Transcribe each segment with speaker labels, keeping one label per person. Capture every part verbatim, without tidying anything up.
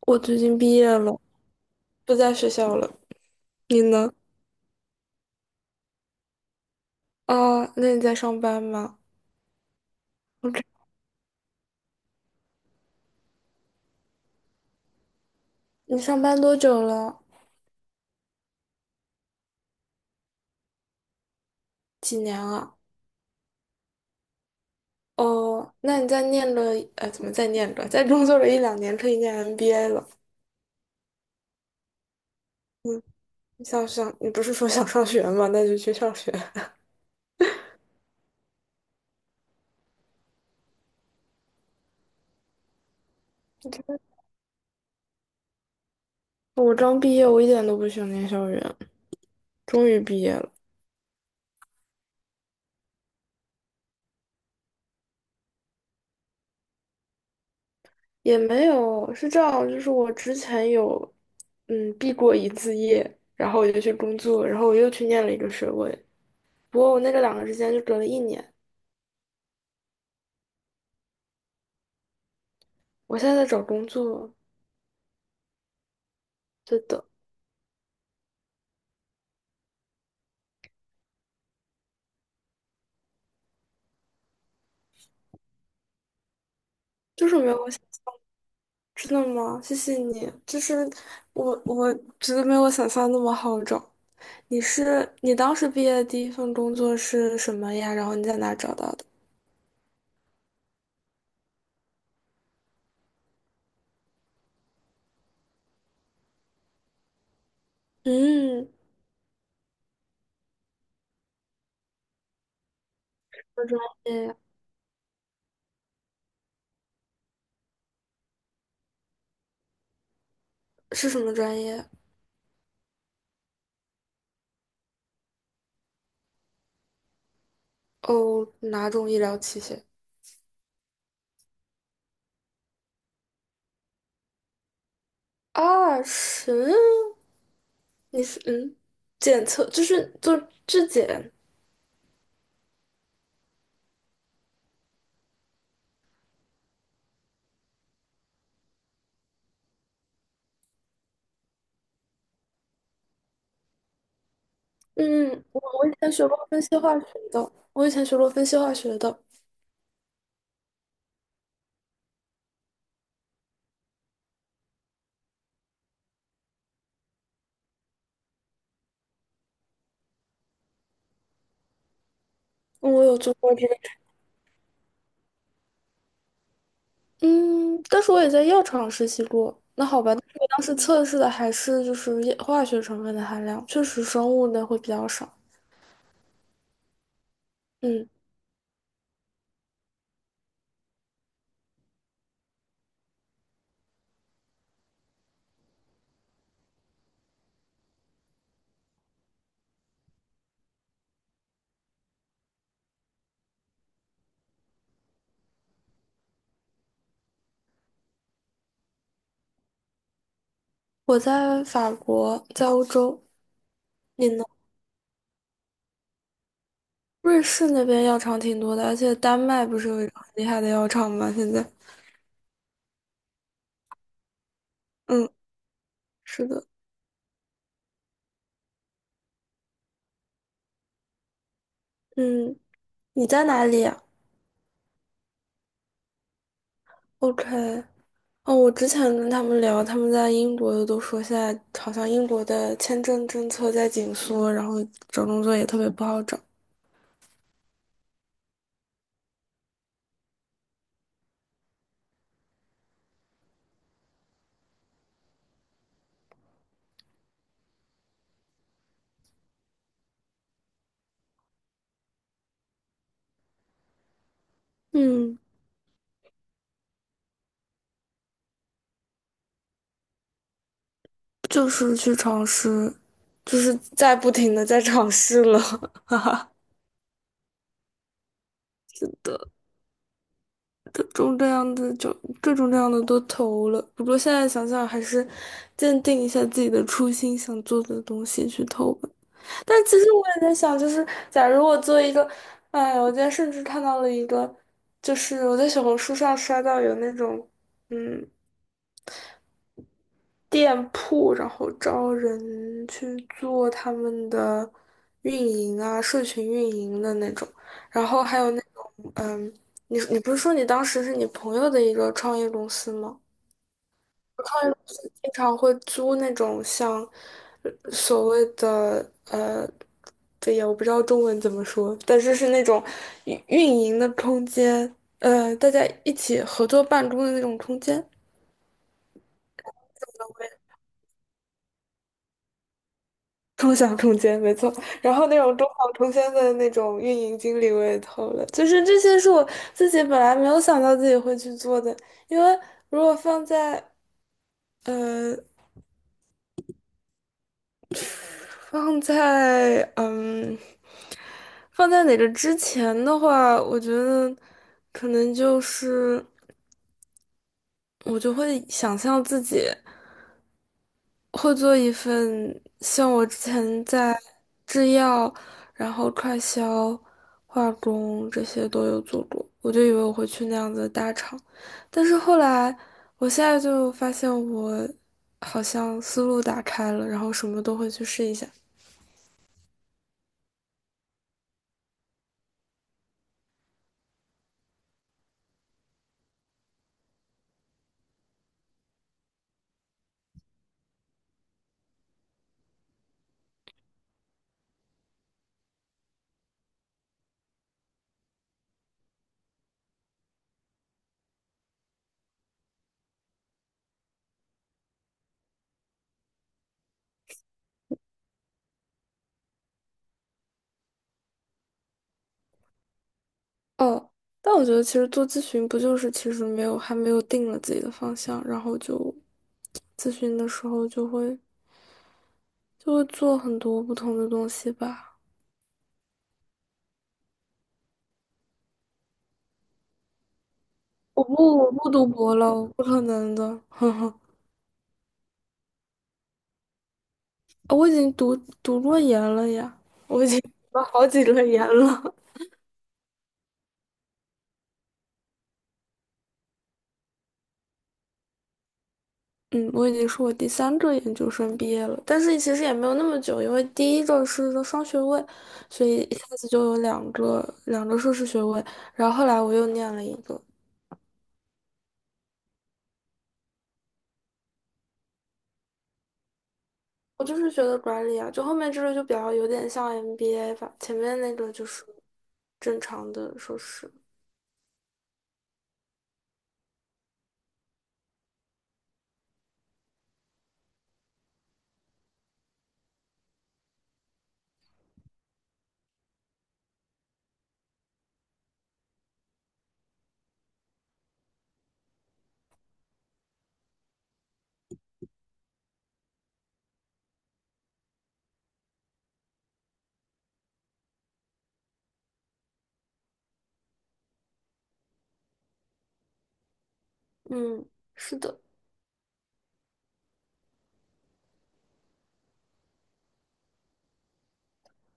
Speaker 1: 我最近毕业了，不在学校了。你呢？啊，那你在上班吗？我这你上班多久了？几年啊？哦，那你在念了，呃，怎么在念着？在工作了一两年，可以念 M B A 了。嗯，你想上，你不是说想上学吗？那就去上学。我刚毕业，我一点都不想念校园，终于毕业了，也没有，是这样，就是我之前有，嗯，毕过一次业，然后我就去工作，然后我又去念了一个学位，不过我那个两个之间就隔了一年，我现在在找工作，对的就是没有我想，真的吗？谢谢你，就是我我觉得没有我想象那么好找。你是你当时毕业的第一份工作是什么呀？然后你在哪找到的？嗯，什么专业呀？是什么专业？哦，哪种医疗器械？啊，是，你是嗯，检测就是做质检。嗯，我我以前学过分析化学的，我以前学过分析化学的，嗯我有做过这个，嗯，但是我也在药厂实习过。那好吧，但是我当时测试的还是就是液化学成分的含量，确实生物的会比较少。嗯，我在法国，在欧洲，你呢？瑞士那边药厂挺多的，而且丹麦不是有一个很厉害的药厂吗？现在，嗯，是的，嗯，你在哪里呀？OK，哦，我之前跟他们聊，他们在英国的都说，现在好像英国的签证政策在紧缩，然后找工作也特别不好找。嗯，就是去尝试，就是在不停的在尝试了，各种各样的就各种各样的都投了。不过现在想想，还是坚定一下自己的初心，想做的东西去投吧。但其实我也在想，就是假如我做一个，哎，我今天甚至看到了一个，就是我在小红书上刷到有那种，嗯，店铺，然后招人去做他们的运营啊，社群运营的那种，然后还有那种，你你不是说你当时是你朋友的一个创业公司吗？外国是经常会租那种像呃所谓的呃，对呀，我不知道中文怎么说，但是是那种运运营的空间，呃，大家一起合作办公的那种空间，共享空间，没错。然后那种中小空间的那种运营经理我也投了，就是这些是我自己本来没有想到自己会去做的，因为如果放在。呃。放在嗯，放在哪个之前的话，我觉得可能就是我就会想象自己会做一份像我之前在制药、然后快销、化工这些都有做过，我就以为我会去那样子的大厂，但是后来我现在就发现我好像思路打开了，然后什么都会去试一下。哦，但我觉得其实做咨询不就是其实没有还没有定了自己的方向，然后就咨询的时候就会就会做很多不同的东西吧。我不我不读博了，我不可能的，呵呵。我已经读读过研了呀，我已经 读了好几轮研了。嗯，我已经是我第三个研究生毕业了，但是其实也没有那么久，因为第一个是个双学位，所以一下子就有两个两个硕士学位，然后后来我又念了一个。我就是学的管理啊，就后面这个就比较有点像 M B A 吧，前面那个就是正常的硕士。嗯，是的，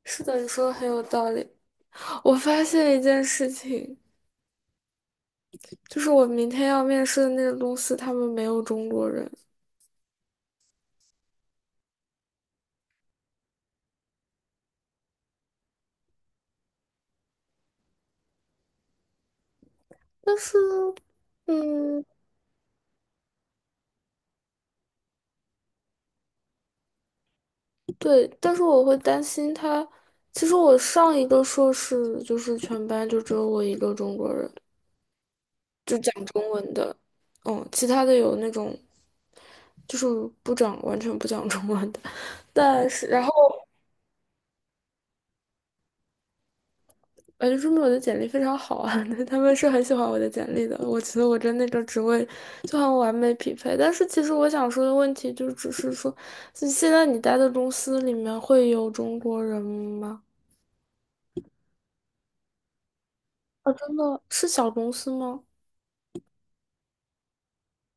Speaker 1: 是的，你说的很有道理。我发现一件事情，就是我明天要面试的那个公司，他们没有中国人，但是，嗯，对，但是我会担心他。其实我上一个硕士就是全班就只有我一个中国人，就讲中文的，嗯，其他的有那种就是不讲完全不讲中文的，但是然后哎，说明我的简历非常好啊，他们是很喜欢我的简历的，我觉得我跟那个职位就很完美匹配。但是其实我想说的问题就只是说，现现在你待的公司里面会有中国人吗？啊，真的是小公司吗？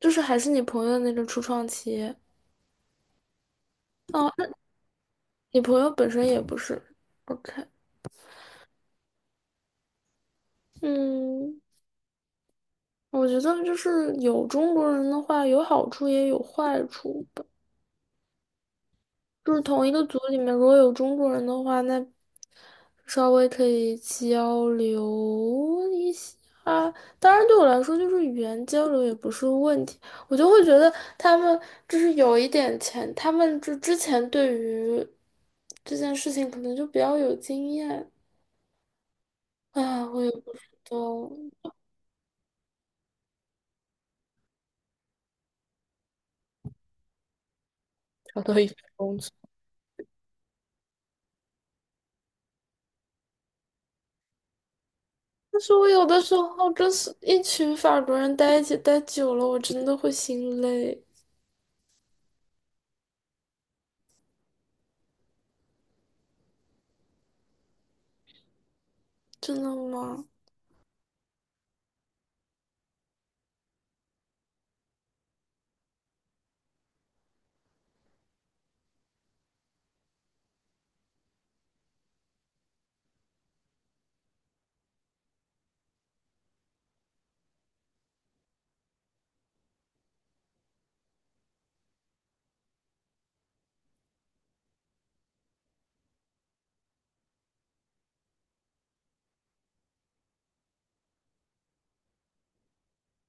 Speaker 1: 就是还是你朋友的那个初创企业？哦，那你朋友本身也不是，OK。嗯，我觉得就是有中国人的话，有好处也有坏处吧。就是同一个组里面，如果有中国人的话，那稍微可以交流一下。当然，对我来说，就是语言交流也不是问题。我就会觉得他们就是有一点钱，他们就之前对于这件事情可能就比较有经验。啊，我也不知道，找到一份工作。但是我有的时候真是一群法国人待一起待久了，我真的会心累，真的吗？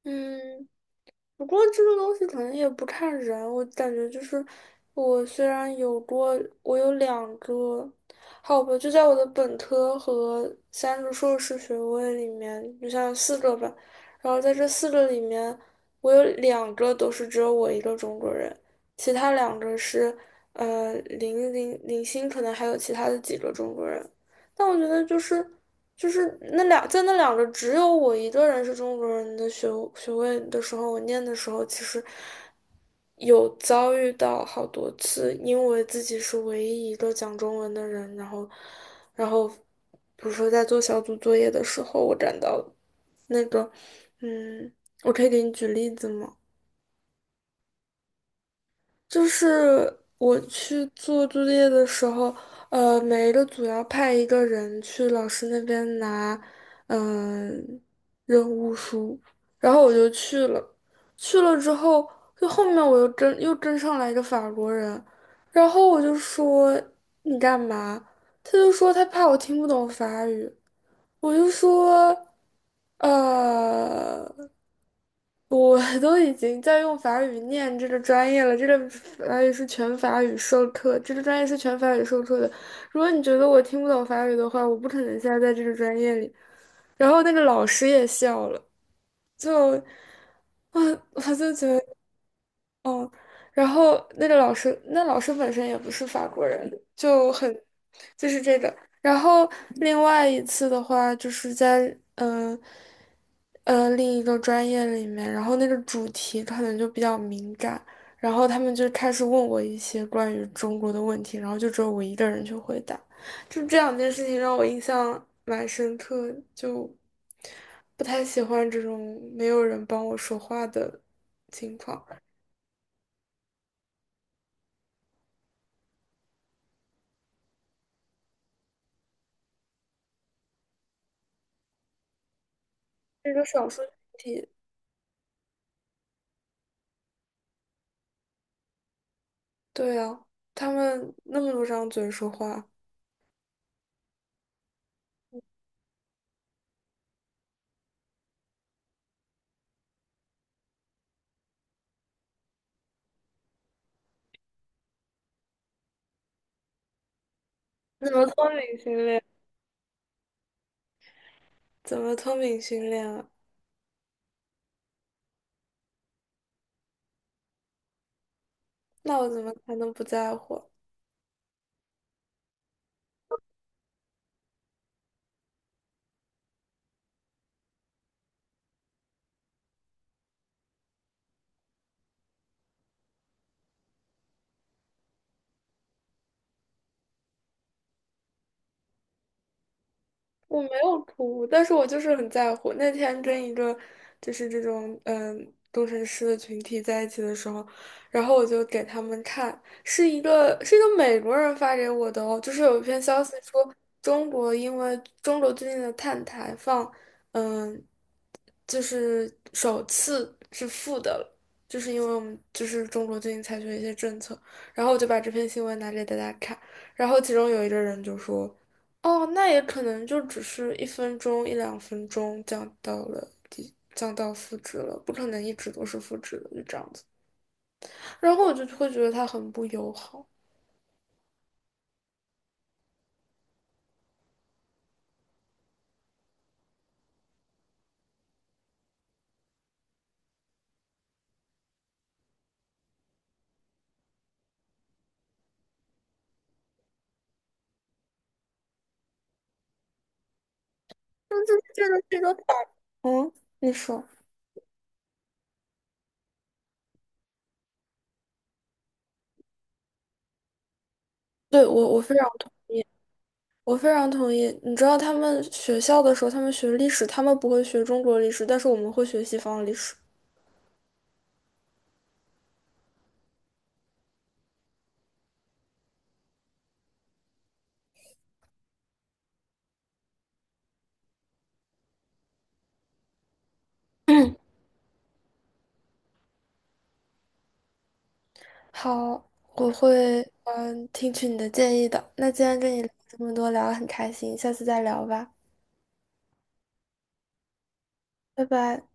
Speaker 1: 嗯，不过这个东西可能也不看人，我感觉就是我虽然有过，我有两个，好吧，就在我的本科和三个硕士学位里面，就像四个吧，然后在这四个里面，我有两个都是只有我一个中国人，其他两个是呃零零零星，可能还有其他的几个中国人，但我觉得就是。就是那两在那两个只有我一个人是中国人的学学位的时候，我念的时候其实有遭遇到好多次，因为自己是唯一一个讲中文的人，然后然后比如说在做小组作业的时候，我感到那个嗯，我可以给你举例子吗？就是我去做作业的时候，呃，每一个组要派一个人去老师那边拿，嗯、任务书，然后我就去了。去了之后，就后面我又跟又跟上来一个法国人，然后我就说你干嘛？他就说他怕我听不懂法语，我就说，呃。我 都已经在用法语念这个专业了，这个法语是全法语授课，这个专业是全法语授课的。如果你觉得我听不懂法语的话，我不可能现在在这个专业里。然后那个老师也笑了，就，我我就觉得。嗯，然后那个老师，那老师本身也不是法国人，就很，就是这个。然后另外一次的话，就是在嗯呃，呃另一个专业里面，然后那个主题可能就比较敏感，然后他们就开始问我一些关于中国的问题，然后就只有我一个人去回答，就这两件事情让我印象蛮深刻，就不太喜欢这种没有人帮我说话的情况。这个少数群体，对啊，他们那么多张嘴说话，怎么脱敏训练？怎么脱敏训练啊？那我怎么才能不在乎啊？我没有哭，但是我就是很在乎。那天跟一个就是这种嗯工程师的群体在一起的时候，然后我就给他们看，是一个是一个美国人发给我的哦，就是有一篇消息说中国因为中国最近的碳排放，嗯，就是首次是负的了，就是因为我们就是中国最近采取了一些政策，然后我就把这篇新闻拿给大家看，然后其中有一个人就说。哦，那也可能就只是一分钟、一两分钟降到了低，降到负值了，不可能一直都是负值的，就这样子。然后我就会觉得他很不友好。但是这个这个网你说，对，我我非常我非常同意。你知道他们学校的时候，他们学历史，他们不会学中国历史，但是我们会学西方历史。好，我会嗯听取你的建议的。那今天跟你聊这么多，聊得很开心，下次再聊吧，拜拜。